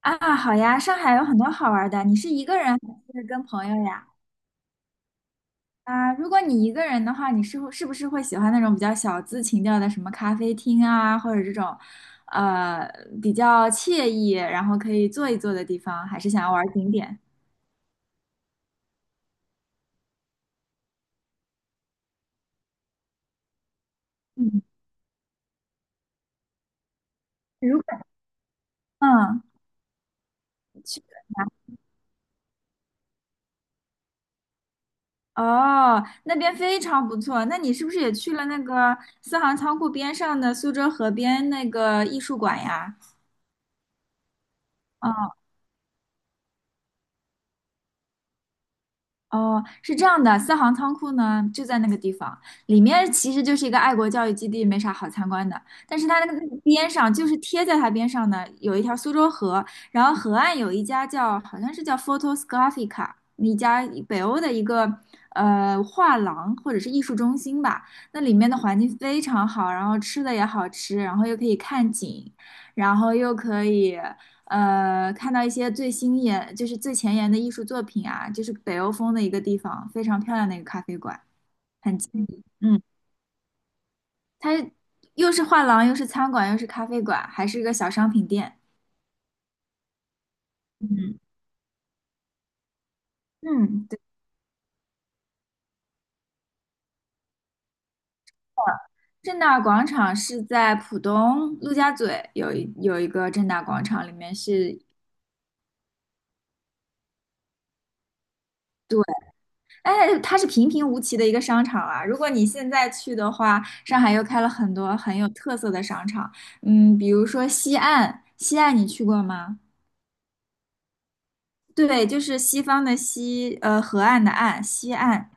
啊，好呀，上海有很多好玩的。你是一个人还是跟朋友呀？啊，如果你一个人的话，你是不是会喜欢那种比较小资情调的，什么咖啡厅啊，或者这种，呃，比较惬意，然后可以坐一坐的地方，还是想要玩景点？嗯，如果嗯，去哦，那边非常不错。那你是不是也去了那个四行仓库边上的苏州河边那个艺术馆呀？哦哦，是这样的，四行仓库呢就在那个地方，里面其实就是一个爱国教育基地，没啥好参观的。但是它那个边上，就是贴在它边上的，有一条苏州河，然后河岸有一家好像是叫 Photos Graphica 一家北欧的一个画廊或者是艺术中心吧。那里面的环境非常好，然后吃的也好吃，然后又可以看景，然后又可以。看到一些最新研，就是最前沿的艺术作品啊，就是北欧风的一个地方，非常漂亮的一个咖啡馆，很近。嗯，它又是画廊，又是餐馆，又是咖啡馆，还是一个小商品店。嗯嗯，对，正大广场是在浦东陆家嘴有一个正大广场，里面是。对。哎，它是平平无奇的一个商场啊。如果你现在去的话，上海又开了很多很有特色的商场，比如说西岸，西岸你去过吗？对，就是西方的西，河岸的岸，西岸。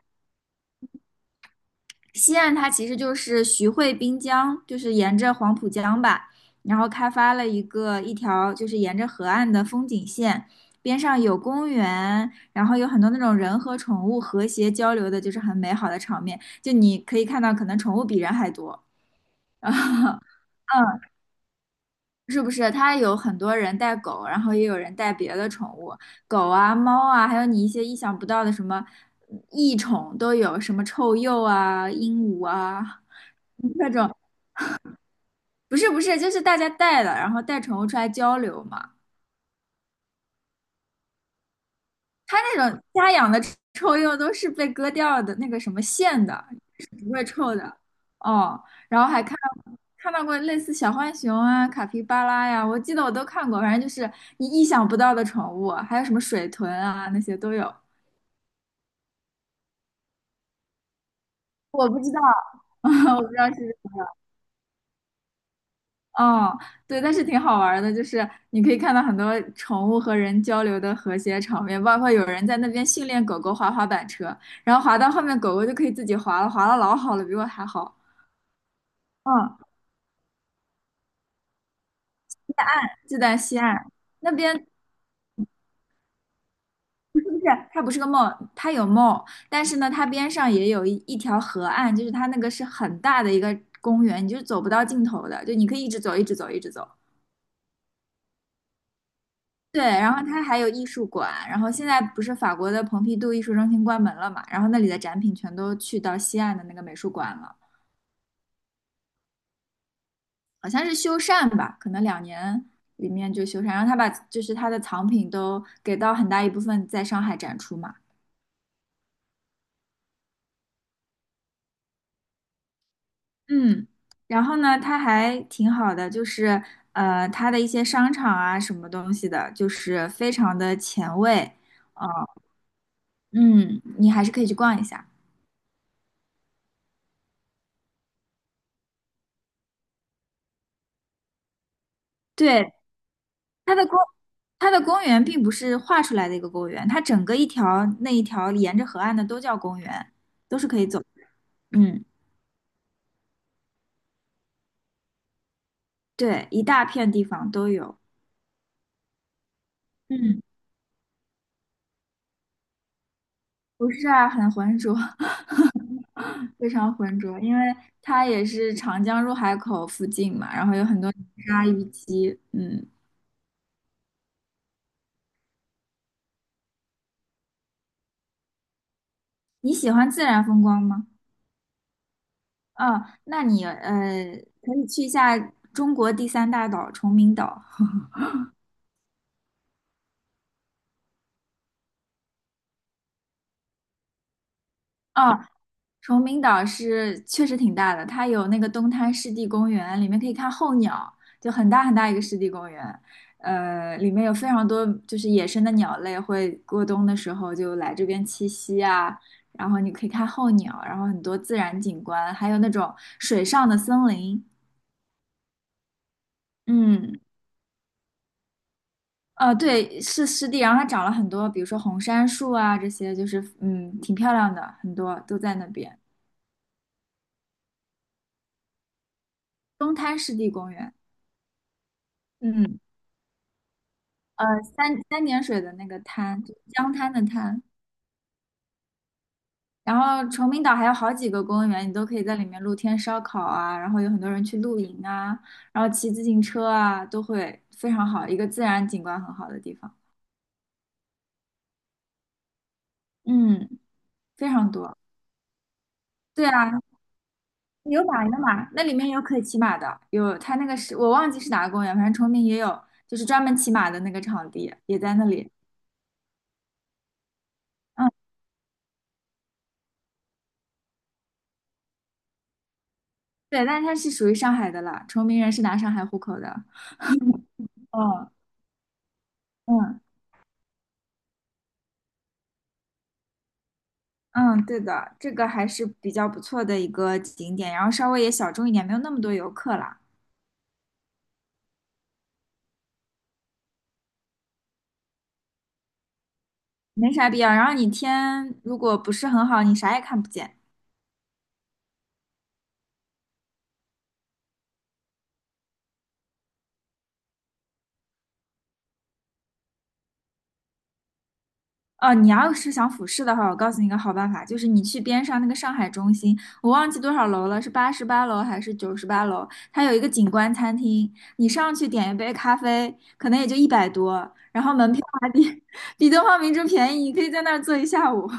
西岸它其实就是徐汇滨江，就是沿着黄浦江吧，然后开发了一条就是沿着河岸的风景线，边上有公园，然后有很多那种人和宠物和谐交流的，就是很美好的场面。就你可以看到，可能宠物比人还多。嗯，是不是？它有很多人带狗，然后也有人带别的宠物，狗啊、猫啊，还有你一些意想不到的什么异宠都有，什么臭鼬啊、鹦鹉啊。各种，不是不是，就是大家带了，然后带宠物出来交流嘛。它那种家养的臭鼬都是被割掉的那个什么线的，是不会臭的。哦，然后还到看到过类似小浣熊啊、卡皮巴拉呀，我记得我都看过，反正就是你意想不到的宠物，还有什么水豚啊那些都有。我不知道，我不知道是。哦，对，但是挺好玩儿的，就是你可以看到很多宠物和人交流的和谐场面，包括有人在那边训练狗狗滑滑板车，然后滑到后面狗狗就可以自己滑了，滑的老好了，比我还好。嗯，就在西岸那边，就是它不是个梦，它有梦，但是呢，它边上也有一条河岸，就是它那个是很大的一个公园，你就走不到尽头的，就你可以一直走，一直走，一直走。对，然后它还有艺术馆，然后现在不是法国的蓬皮杜艺术中心关门了嘛，然后那里的展品全都去到西岸的那个美术馆了，好像是修缮吧，可能2年里面就修缮，然后他把就是他的藏品都给到很大一部分在上海展出嘛，嗯，然后呢，它还挺好的，就是它的一些商场啊什么东西的，就是非常的前卫，啊，嗯，你还是可以去逛一下。对，它的公它的公园并不是画出来的一个公园，它整个那一条沿着河岸的都叫公园，都是可以走的。嗯，对，一大片地方都有。嗯，不是啊，很浑浊，非常浑浊，因为它也是长江入海口附近嘛，然后有很多泥沙淤积嗯，你喜欢自然风光吗？哦，那你可以去一下中国第三大岛崇明岛。啊，崇明岛是确实挺大的，它有那个东滩湿地公园，里面可以看候鸟，就很大很大一个湿地公园，里面有非常多就是野生的鸟类会过冬的时候就来这边栖息啊，然后你可以看候鸟，然后很多自然景观，还有那种水上的森林，嗯，对，是湿地，然后它长了很多，比如说红杉树啊，这些就是嗯挺漂亮的，很多都在那边，东滩湿地公园，嗯。三点水的那个滩，就是江滩的滩。然后崇明岛还有好几个公园，你都可以在里面露天烧烤啊，然后有很多人去露营啊，然后骑自行车啊，都会非常好，一个自然景观很好的地方。嗯，非常多。对啊，有马有马，那里面有可以骑马的，有它那个是我忘记是哪个公园，反正崇明也有，就是专门骑马的那个场地也在那里。嗯，对，但是它是属于上海的了，崇明人是拿上海户口的。嗯哦，嗯。嗯，对的，这个还是比较不错的一个景点，然后稍微也小众一点，没有那么多游客啦，没啥必要。然后你天如果不是很好，你啥也看不见。哦，你要是想俯视的话，我告诉你一个好办法，就是你去边上那个上海中心，我忘记多少楼了，是88楼还是98楼？它有一个景观餐厅，你上去点一杯咖啡，可能也就一百多，然后门票还比 比东方明珠便宜，你可以在那儿坐一下午。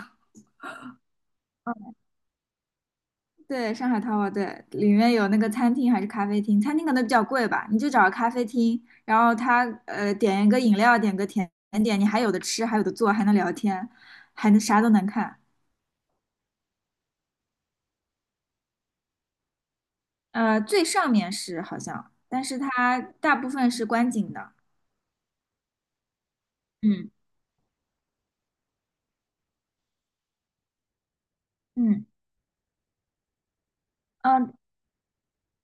对，上海淘宝对，里面有那个餐厅还是咖啡厅？餐厅可能比较贵吧，你就找个咖啡厅，然后他点一个饮料，点个甜点，你还有的吃，还有的做，还能聊天，还能啥都能看。最上面是好像，但是它大部分是观景的。嗯嗯嗯，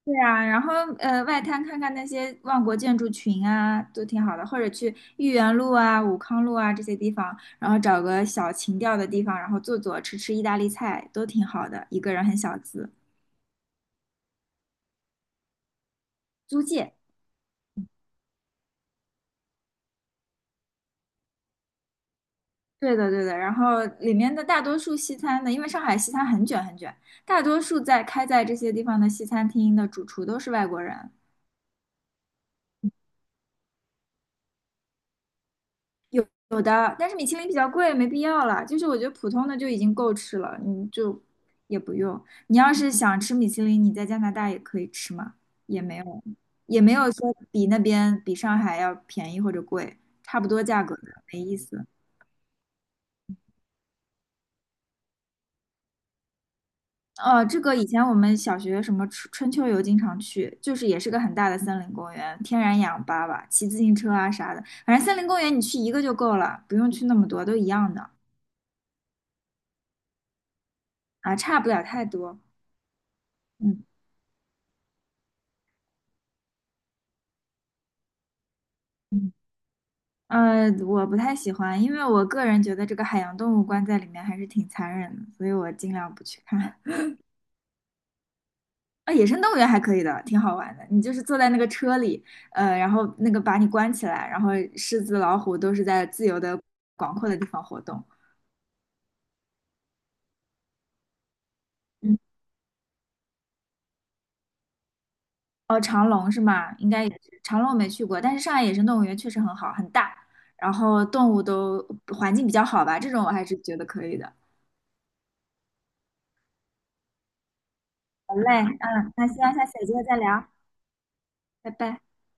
对啊，然后外滩看看那些万国建筑群啊，都挺好的，或者去豫园路啊、武康路啊这些地方，然后找个小情调的地方，然后坐坐吃吃意大利菜，都挺好的。一个人很小资，租界。对的，对的。然后里面的大多数西餐呢，因为上海西餐很卷很卷，大多数开在这些地方的西餐厅的主厨都是外国人，有的，但是米其林比较贵，没必要了。就是我觉得普通的就已经够吃了，你就也不用。你要是想吃米其林，你在加拿大也可以吃嘛，也没有，也没有说比那边比上海要便宜或者贵，差不多价格的，没意思。哦，这个以前我们小学什么春秋游经常去，就是也是个很大的森林公园，天然氧吧吧，骑自行车啊啥的，反正森林公园你去一个就够了，不用去那么多，都一样的啊，差不了太多。嗯。我不太喜欢，因为我个人觉得这个海洋动物关在里面还是挺残忍的，所以我尽量不去看。啊，野生动物园还可以的，挺好玩的。你就是坐在那个车里，然后那个把你关起来，然后狮子、老虎都是在自由的、广阔的地方活动。嗯，哦，长隆是吗？应该也是，长隆我没去过，但是上海野生动物园确实很好，很大，然后动物都环境比较好吧，这种我还是觉得可以的。好嘞，嗯，那希望下次有机会再聊，拜拜。